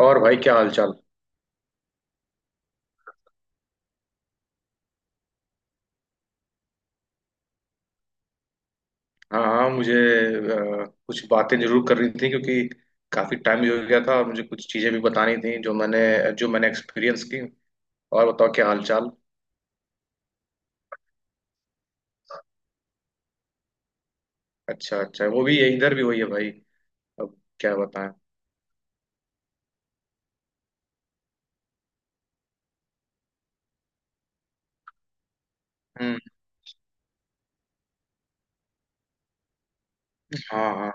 और भाई, क्या हाल चाल। हाँ हाँ, मुझे कुछ बातें जरूर करनी थी, क्योंकि काफी टाइम भी हो गया था और मुझे कुछ चीजें भी बतानी थी जो मैंने एक्सपीरियंस की। और बताओ क्या हाल चाल। अच्छा अच्छा, वो भी इधर भी वही है भाई। अब क्या बताएं। हम्म। हाँ हाँ।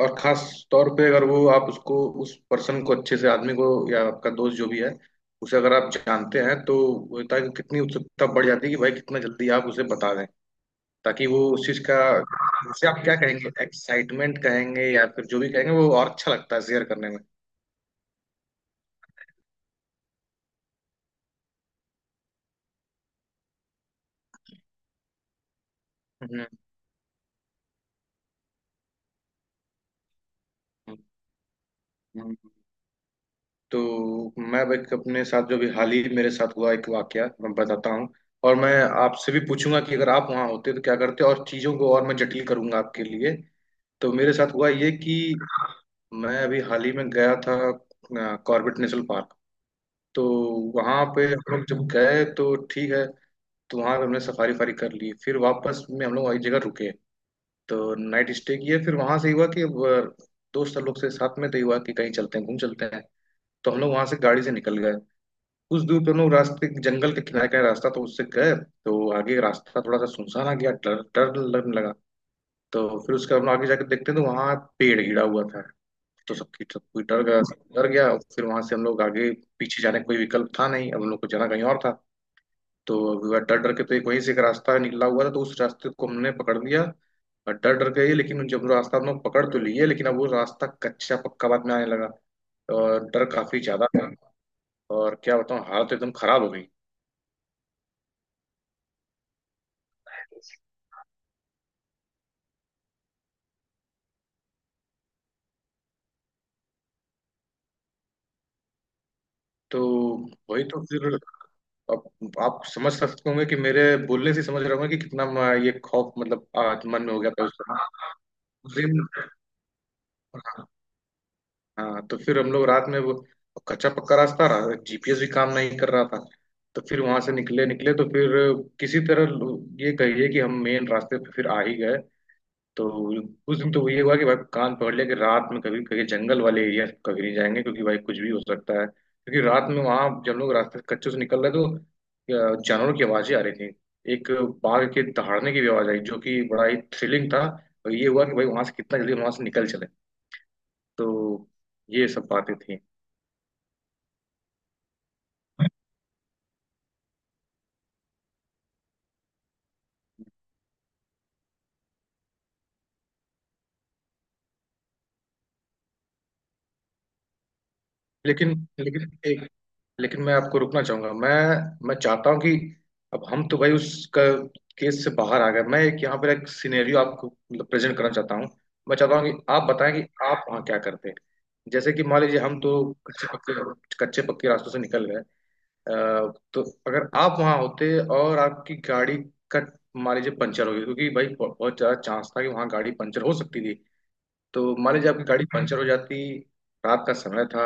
और खास तौर पे अगर वो आप उसको उस पर्सन को, अच्छे से आदमी को, या आपका दोस्त जो भी है, उसे अगर आप जानते हैं तो वो होता है कि कितनी उत्सुकता बढ़ जाती है कि भाई कितना जल्दी आप उसे बता दें, ताकि वो उस चीज का, उसे आप क्या कहेंगे, एक्साइटमेंट कहेंगे या फिर जो भी कहेंगे, वो और अच्छा लगता है शेयर करने में। हम्म, हम्म, हम्म। तो मैं भाई, अपने साथ जो भी हाल ही मेरे साथ हुआ एक वाकया मैं बताता हूँ। और मैं आपसे भी पूछूंगा कि अगर आप वहां होते तो क्या करते, और चीजों को और मैं जटिल करूंगा आपके लिए। तो मेरे साथ हुआ ये कि मैं अभी हाल ही में गया था कॉर्बेट नेशनल पार्क। तो वहां पे हम लोग जब गए तो ठीक है, तो वहां पे हमने सफारी फारी कर ली। फिर वापस में हम लोग एक जगह रुके, तो नाइट स्टे किया। फिर वहां से हुआ कि अब दोस्त लोग से साथ में तो हुआ कि कहीं चलते हैं, घूम चलते हैं। तो हम लोग वहां से गाड़ी से निकल गए। कुछ दूर पे हम लोग रास्ते, जंगल के किनारे का रास्ता, तो उससे गए, तो आगे रास्ता थोड़ा सा सुनसान आ गया, डर डर लगने लगा। तो फिर उसके बाद हम लोग आगे जाके देखते हैं तो वहां पेड़ गिरा हुआ था। तो सबकी सब कोई डर गया, सब डर गया। और फिर वहां से हम लोग आगे। पीछे जाने का कोई विकल्प था नहीं, अब हम लोग को जाना कहीं और था। तो डर डर के, तो एक वहीं से एक रास्ता निकला हुआ था, तो उस रास्ते को हमने पकड़ लिया। और डर डर गए, लेकिन जब रास्ता हम लोग पकड़ तो लिए, लेकिन अब वो रास्ता कच्चा पक्का बाद में आने लगा, और डर काफी ज्यादा था। और क्या बताऊँ, हालत एकदम खराब हो गई। तो वही तो फिर, अब आप समझ सकते होंगे कि मेरे बोलने से समझ रहे होंगे कि कितना ये खौफ, मतलब मन में हो गया था उस समय, उस दिन। हाँ, तो फिर हम लोग रात में वो कच्चा पक्का रास्ता रहा, जीपीएस भी काम नहीं कर रहा था। तो फिर वहां से निकले निकले तो फिर किसी तरह ये कहिए कि हम मेन रास्ते पे फिर आ ही गए। तो उस दिन तो ये हुआ कि भाई कान पकड़ लिया कि रात में कभी कहीं जंगल वाले एरिया कभी नहीं जाएंगे, क्योंकि भाई कुछ भी हो सकता है। क्योंकि रात में वहां जब लोग रास्ते से कच्चे से निकल रहे, तो जानवरों की आवाजें आ रही थी। एक बाघ के दहाड़ने की भी आवाज आई, जो कि बड़ा ही थ्रिलिंग था। और ये हुआ कि भाई वहां से कितना जल्दी वहां से निकल चले। तो ये सब बातें थी। लेकिन लेकिन एक लेकिन मैं आपको रुकना चाहूंगा। मैं चाहता हूं कि अब हम तो भाई उस केस से बाहर आ गए। मैं एक यहाँ पर एक सिनेरियो आपको मतलब प्रेजेंट करना चाहता हूँ। मैं चाहता हूँ कि आप बताएं कि आप वहाँ क्या करते। जैसे कि मान लीजिए हम तो कच्चे पक्के रास्तों से निकल गए। अ, तो अगर आप वहाँ होते और आपकी गाड़ी का मान लीजिए पंचर हो गई, क्योंकि भाई बहुत बहुत ज्यादा चांस था कि वहाँ गाड़ी पंचर हो सकती थी। तो मान लीजिए आपकी गाड़ी पंचर हो जाती, रात का समय था,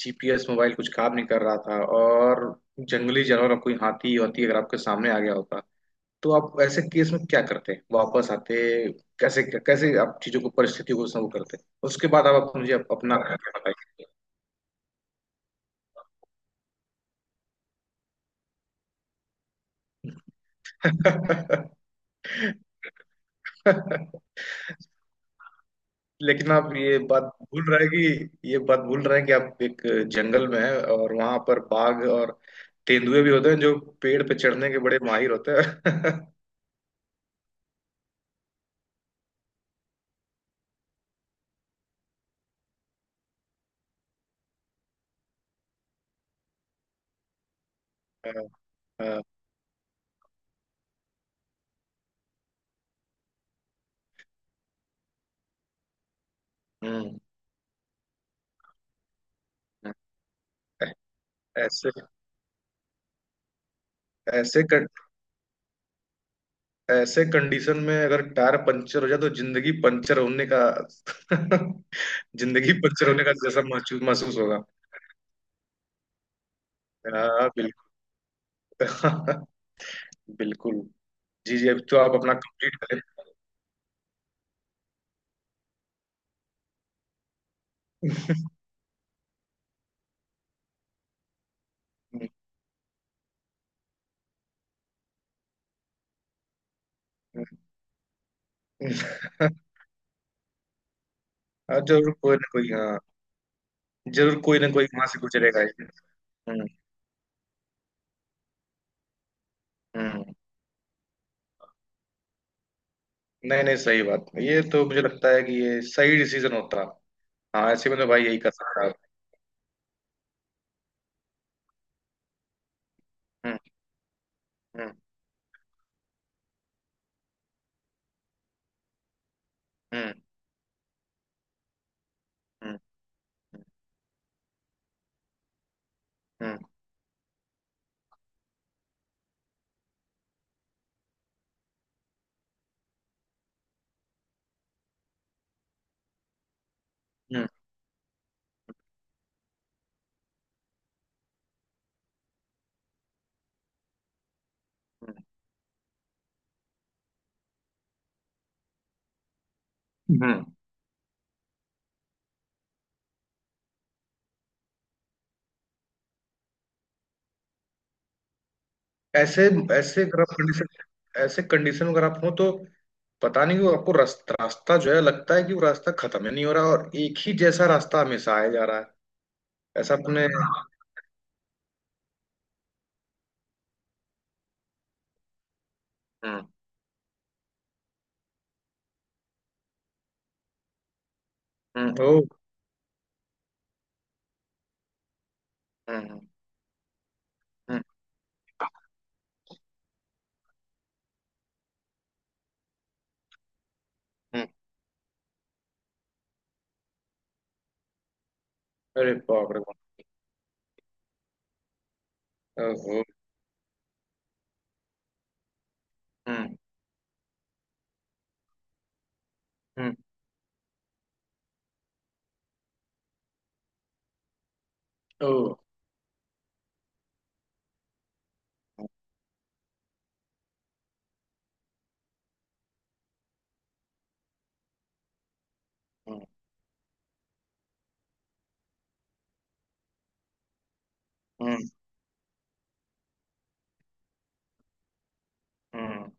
जीपीएस मोबाइल कुछ काम नहीं कर रहा था, और जंगली जानवर कोई हाथी वाथी अगर आपके सामने आ गया होता, तो आप ऐसे केस में क्या करते, वापस आते, कैसे कैसे आप चीजों को परिस्थितियों को संभव करते। उसके बाद आप मुझे अपना बताइए। लेकिन आप ये बात भूल रहे हैं कि आप एक जंगल में हैं और वहां पर बाघ और तेंदुए भी होते हैं, जो पेड़ पे चढ़ने के बड़े माहिर होते हैं। हाँ, हाँ, हम्म। ऐ- ऐसे ऐसे कं- ऐसे कंडीशन में अगर टायर पंचर हो जाए तो जिंदगी पंचर होने का। जिंदगी पंचर होने का जैसा महसूस महसूस होगा। हाँ, बिल्कुल। बिल्कुल। जी जी, अब तो आप अपना कंप्लीट करें। हाँ, जरूर कोई ना कोई, हाँ। जरूर कोई ना कोई वहां से गुजरेगा ही। हम्म। हम्म। नहीं नहीं, सही बात। ये तो मुझे लगता है कि ये सही डिसीजन होता। हाँ, ऐसे में तो भाई यही कर सकता है। हम्म। हम्म। हम्म। हम्म। हम्म। हम्म। हम्म, हम्म। ऐसे ऐसे अगर आप कंडीशन ऐसे कंडीशन में अगर आप हो, तो पता नहीं क्यों आपको रास्ता रास्ता जो है लगता है कि वो रास्ता खत्म ही नहीं हो रहा, और एक ही जैसा रास्ता हमेशा आया जा रहा है। ऐसा अपने। हम्म। हम्म। ओ, हम्म। हम्म। हम्म। अरे बाप रे बाप। ओहो। हम्म, हम्म। ओ, हम्म, हम्म, हम्म।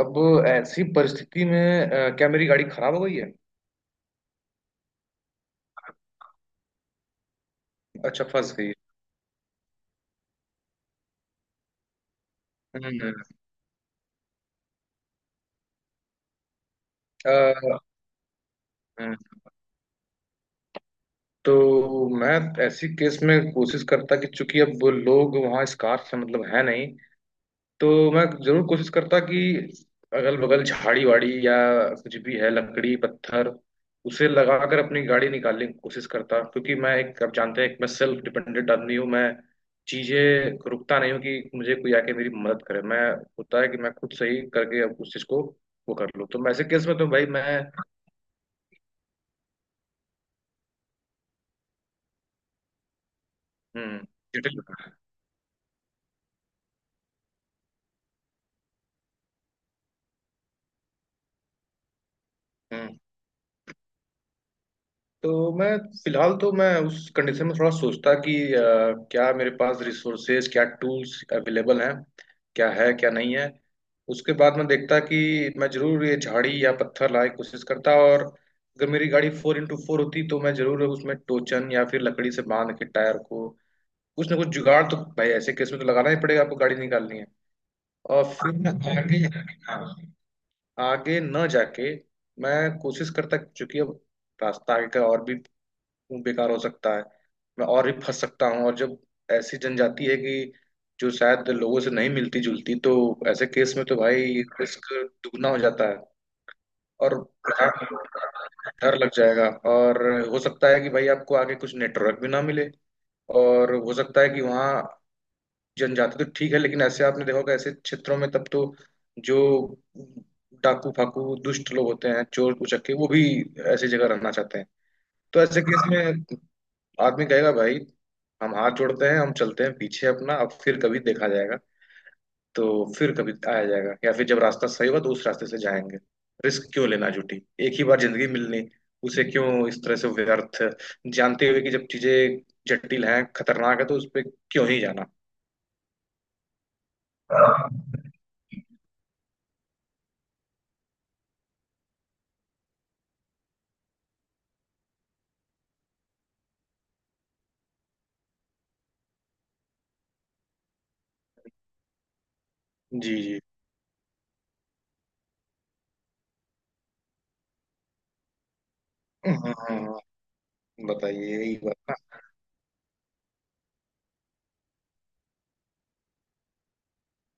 अब ऐसी परिस्थिति में, क्या मेरी गाड़ी खराब हो गई है? अच्छा, फंस गई। हम्म। अ, हम्म। तो मैं ऐसी केस में कोशिश करता कि, चूंकि अब वो लोग वहाँ इस कार से मतलब है नहीं, तो मैं जरूर कोशिश करता कि अगल बगल झाड़ी वाड़ी या कुछ भी है, लकड़ी पत्थर, उसे लगाकर अपनी गाड़ी निकालने की कोशिश करता। क्योंकि मैं एक, आप जानते हैं, एक मैं सेल्फ डिपेंडेंट आदमी हूँ। मैं चीजें रुकता नहीं हूँ कि मुझे कोई आके मेरी मदद करे। मैं होता है कि मैं खुद से ही करके अब उस चीज को वो कर लूँ, तो मैं ऐसे केस में तो भाई मैं। हम्म। जटिल हूँ। हम्म। तो मैं, फिलहाल तो मैं उस कंडीशन में थोड़ा सोचता कि क्या मेरे पास रिसोर्सेज, क्या टूल्स अवेलेबल हैं, क्या है क्या नहीं है। उसके बाद मैं देखता कि मैं जरूर ये झाड़ी या पत्थर लाए कोशिश करता, और अगर मेरी गाड़ी 4x4 होती तो मैं जरूर उसमें टोचन या फिर लकड़ी से बांध के टायर को, कुछ ना कुछ जुगाड़, तो भाई ऐसे केस में तो लगाना ही पड़ेगा, आपको गाड़ी निकालनी है। और फिर मैं आगे, हाँ, आगे न जाके मैं कोशिश करता, चूंकि अब रास्ता आगे का और भी, वो बेकार हो सकता है, मैं और भी फंस सकता हूँ, और जब ऐसी जनजाति है कि जो शायद लोगों से नहीं मिलती जुलती, तो ऐसे केस में तो भाई रिस्क दुगना हो जाता है। और डर डर लग जाएगा, और हो सकता है कि भाई आपको आगे कुछ नेटवर्क भी ना मिले। और हो सकता है कि वहाँ जनजाति तो ठीक है, लेकिन ऐसे आपने देखा होगा, ऐसे क्षेत्रों में तब तो जो डाकू फाकू दुष्ट लोग होते हैं, चोर उचक्के, वो भी ऐसी जगह रहना चाहते हैं। तो ऐसे केस में आदमी कहेगा भाई, हम हाथ जोड़ते हैं, हम चलते हैं पीछे अपना, अब फिर कभी देखा जाएगा। तो फिर कभी आया जाएगा, या फिर जब रास्ता सही हुआ तो उस रास्ते से जाएंगे। रिस्क क्यों लेना झूठी। एक ही बार जिंदगी मिलनी, उसे क्यों इस तरह से व्यर्थ, जानते हुए कि जब चीजें जटिल हैं, खतरनाक है, तो उस पर क्यों ही जाना। जी जी। हाँ हाँ, हाँ, बताइए यही बात ना।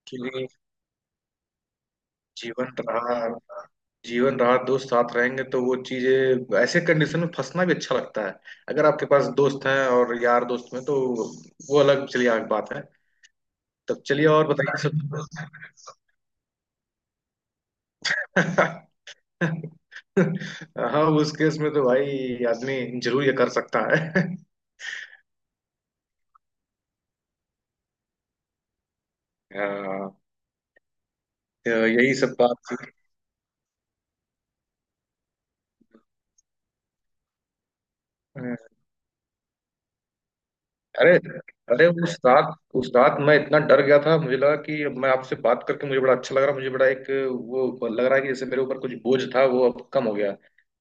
कि जीवन रहा, जीवन रहा दोस्त साथ रहेंगे तो वो चीजें, ऐसे कंडीशन में फंसना भी अच्छा लगता है अगर आपके पास दोस्त हैं। और यार दोस्त में तो वो अलग, चलिए, अलग बात है। तब चलिए, और बताइए सब। हाँ, उस केस में तो भाई आदमी जरूर ये कर सकता है। हाँ, तो यही सब बात थी। अरे, अरे, उस रात, उस रात मैं इतना डर गया था, मुझे लगा कि अब, मैं आपसे बात करके मुझे बड़ा अच्छा लग रहा, मुझे बड़ा एक वो लग रहा है कि जैसे मेरे ऊपर कुछ बोझ था वो अब कम हो गया।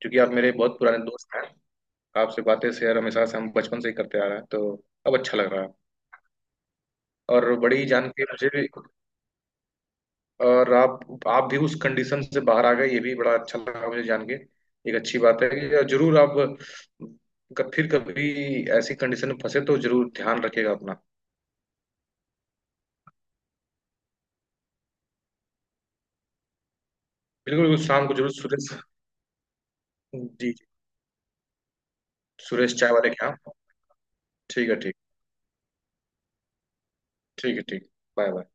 क्योंकि आप मेरे बहुत पुराने दोस्त हैं। आपसे बातें शेयर हमेशा से हम बचपन से ही करते आ रहे हैं, तो अब अच्छा लग रहा है। और बड़ी जान के मुझे भी। और आप भी उस कंडीशन से बाहर आ गए, ये भी बड़ा अच्छा लगा मुझे जान के। एक अच्छी बात है कि जरूर आप फिर कभी ऐसी कंडीशन में फंसे तो जरूर ध्यान रखिएगा अपना। बिल्कुल बिल्कुल, शाम को जरूर, सुरेश। जी जी। सुरेश चाय वाले के यहाँ। ठीक है, ठीक। ठीक है, ठीक। Bye bye.